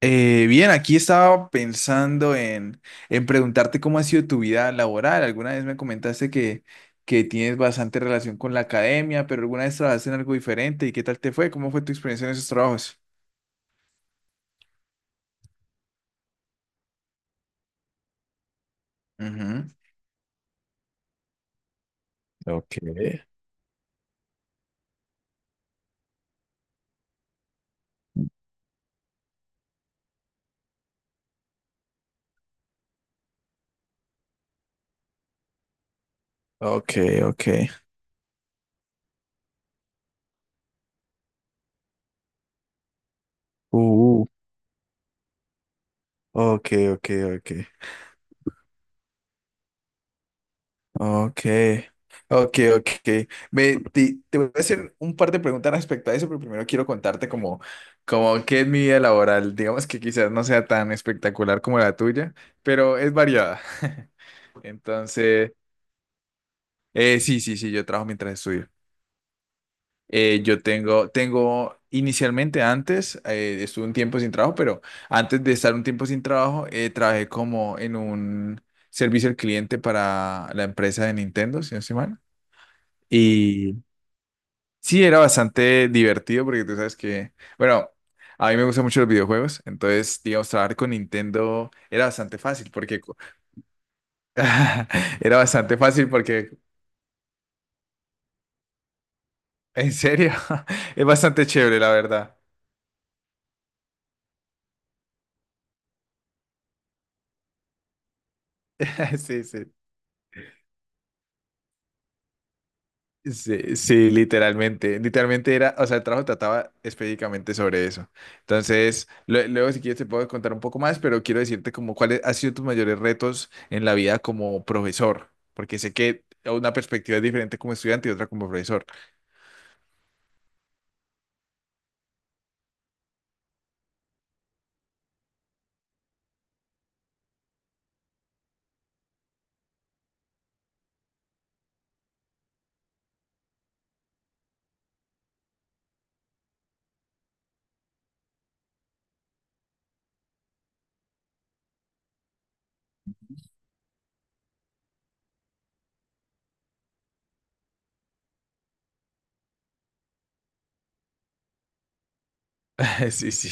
Bien, aquí estaba pensando en preguntarte cómo ha sido tu vida laboral. Alguna vez me comentaste que tienes bastante relación con la academia, pero alguna vez trabajaste en algo diferente. ¿Y qué tal te fue? ¿Cómo fue tu experiencia en esos trabajos? Ujú. Okay, okay, okay. Uh, okay, okay, ok. Ok, ok, ok. Voy a hacer un par de preguntas respecto a eso, pero primero quiero contarte como qué es mi vida laboral. Digamos que quizás no sea tan espectacular como la tuya, pero es variada. Entonces, sí, yo trabajo mientras estudio. Yo tengo inicialmente antes, estuve un tiempo sin trabajo, pero antes de estar un tiempo sin trabajo, trabajé como en un servicio al cliente para la empresa de Nintendo, si no estoy mal. Sí, era bastante divertido porque tú sabes que, bueno, a mí me gustan mucho los videojuegos, entonces, digamos, trabajar con Nintendo era bastante fácil era bastante fácil porque, en serio, es bastante chévere, la verdad. Sí, sí. Sí, sí, literalmente era, o sea, el trabajo trataba específicamente sobre eso. Entonces, luego si quieres te puedo contar un poco más, pero quiero decirte como cuáles han sido tus mayores retos en la vida como profesor, porque sé que una perspectiva es diferente como estudiante y otra como profesor. Sí, sí.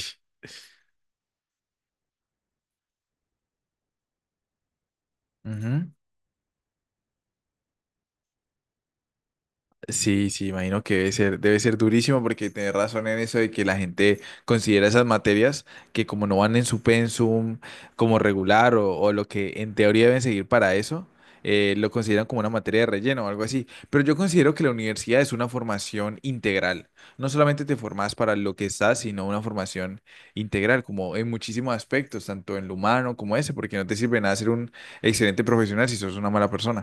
Sí, sí, imagino que debe ser durísimo porque tenés razón en eso de que la gente considera esas materias que como no van en su pensum como regular o lo que en teoría deben seguir para eso, lo consideran como una materia de relleno o algo así. Pero yo considero que la universidad es una formación integral. No solamente te formas para lo que estás, sino una formación integral, como en muchísimos aspectos, tanto en lo humano como ese, porque no te sirve nada ser un excelente profesional si sos una mala persona.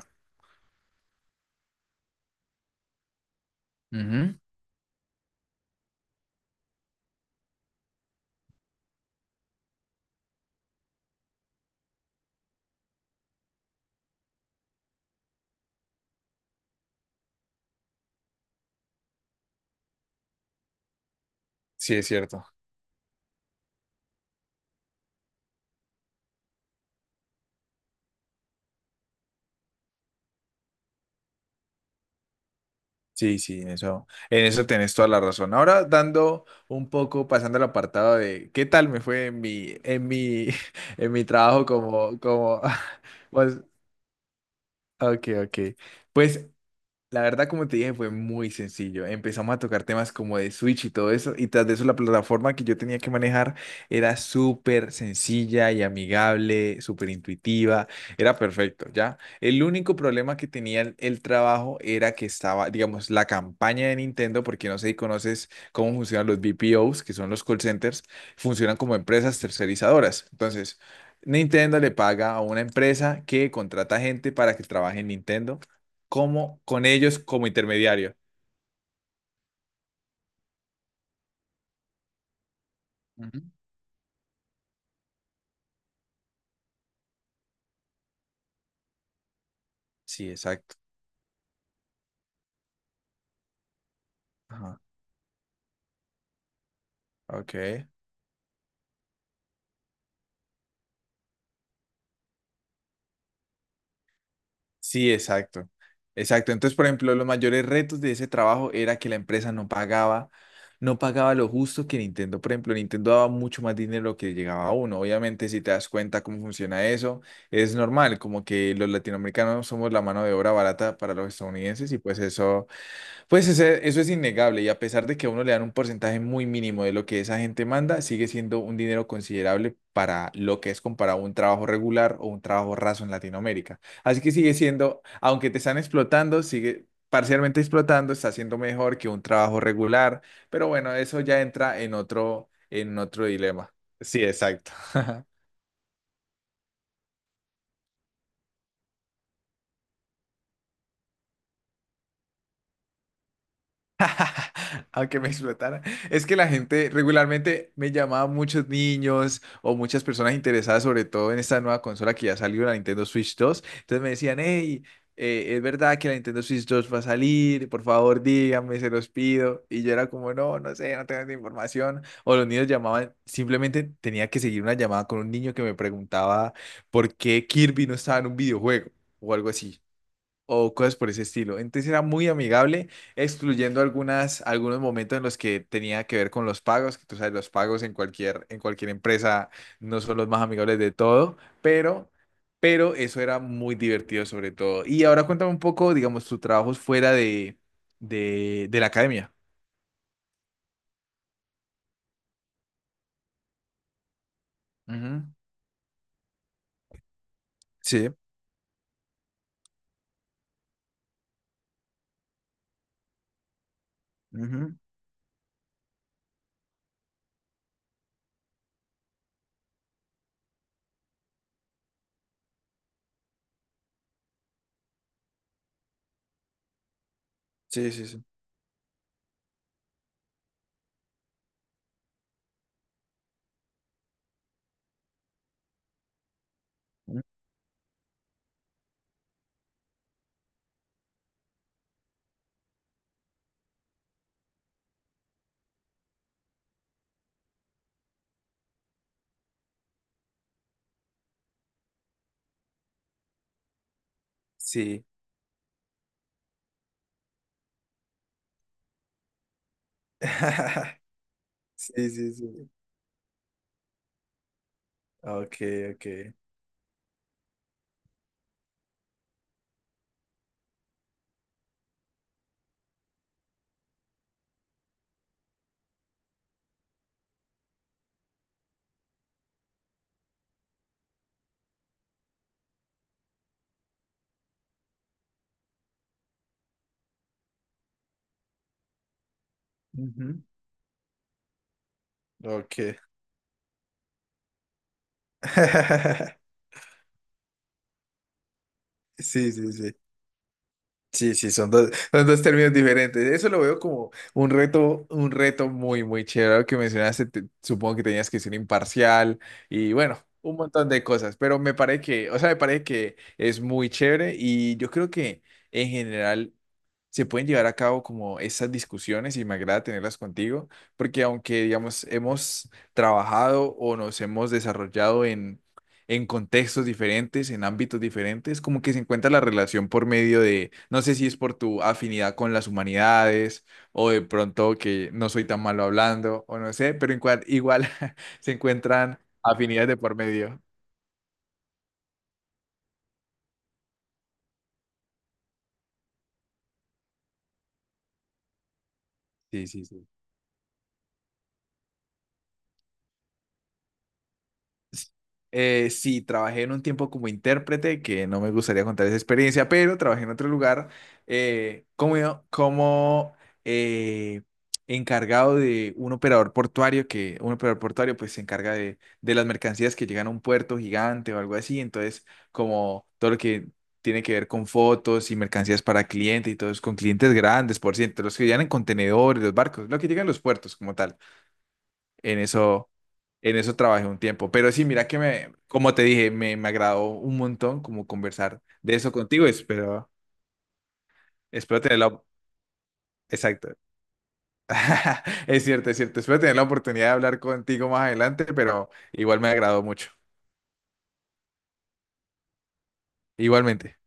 Ujú. Sí, es cierto. Sí, sí, eso, en eso tenés toda la razón. Ahora dando un poco, pasando al apartado de qué tal me fue en mi trabajo pues, ok, ok. Pues la verdad, como te dije, fue muy sencillo. Empezamos a tocar temas como de Switch y todo eso, y tras de eso la plataforma que yo tenía que manejar era súper sencilla y amigable, súper intuitiva, era perfecto, ¿ya? El único problema que tenía el trabajo era que estaba, digamos, la campaña de Nintendo, porque no sé si conoces cómo funcionan los BPOs, que son los call centers, funcionan como empresas tercerizadoras. Entonces Nintendo le paga a una empresa que contrata gente para que trabaje en Nintendo como con ellos como intermediario. Ujú. Sí, exacto. Ajá, ok. Sí, exacto. Exacto. Entonces, por ejemplo, los mayores retos de ese trabajo era que la empresa no pagaba, no pagaba lo justo que Nintendo. Por ejemplo, Nintendo daba mucho más dinero que llegaba a uno. Obviamente, si te das cuenta cómo funciona eso, es normal, como que los latinoamericanos somos la mano de obra barata para los estadounidenses y pues eso. Eso es innegable y a pesar de que a uno le dan un porcentaje muy mínimo de lo que esa gente manda, sigue siendo un dinero considerable para lo que es comparado a un trabajo regular o un trabajo raso en Latinoamérica. Así que sigue siendo, aunque te están explotando, sigue parcialmente explotando, está siendo mejor que un trabajo regular, pero bueno, eso ya entra en otro dilema. Sí, exacto. A que me explotara. Es que la gente regularmente me llamaba muchos niños o muchas personas interesadas, sobre todo en esta nueva consola que ya salió, la Nintendo Switch 2. Entonces me decían, hey, ¿es verdad que la Nintendo Switch 2 va a salir? Por favor, díganme, se los pido. Y yo era como, no, no sé, no tengo esa información. O los niños llamaban, simplemente tenía que seguir una llamada con un niño que me preguntaba por qué Kirby no estaba en un videojuego o algo así o cosas por ese estilo. Entonces era muy amigable, excluyendo algunos momentos en los que tenía que ver con los pagos, que tú sabes, los pagos en cualquier empresa no son los más amigables de todo, pero, pero eso era muy divertido sobre todo. Y ahora cuéntame un poco, digamos, tus trabajos fuera de la academia. Ujú. Sí. Ujú. Sí, sí, sí. Ujú. Sí. Sí, sí, sí. Ok, ok. Ujú. Ok. Sí, sí, sí. Sí, sí, son dos términos diferentes. Eso lo veo como un reto muy, muy chévere. Lo que mencionaste, supongo que tenías que ser imparcial y bueno, un montón de cosas, pero me parece que, o sea, me parece que es muy chévere y yo creo que en general se pueden llevar a cabo como esas discusiones y me agrada tenerlas contigo, porque aunque, digamos, hemos trabajado o nos hemos desarrollado en contextos diferentes, en ámbitos diferentes, como que se encuentra la relación por medio de, no sé si es por tu afinidad con las humanidades o de pronto que no soy tan malo hablando o no sé, pero igual se encuentran afinidades de por medio. Sí, sí, sí. Sí, trabajé en un tiempo como intérprete, que no me gustaría contar esa experiencia, pero trabajé en otro lugar eh, como, como eh, encargado de un operador portuario, que un operador portuario pues se encarga de las mercancías que llegan a un puerto gigante o algo así, entonces como todo lo que tiene que ver con fotos y mercancías para clientes y todo es con clientes grandes, por ciento, los que llegan en contenedores, los barcos, lo que llegan a los puertos como tal en eso, en eso trabajé un tiempo. Pero sí, mira que me, como te dije, me agradó un montón como conversar de eso contigo. Espero, espero tener la, exacto. Es cierto, es cierto. Espero tener la oportunidad de hablar contigo más adelante, pero igual me agradó mucho. Igualmente.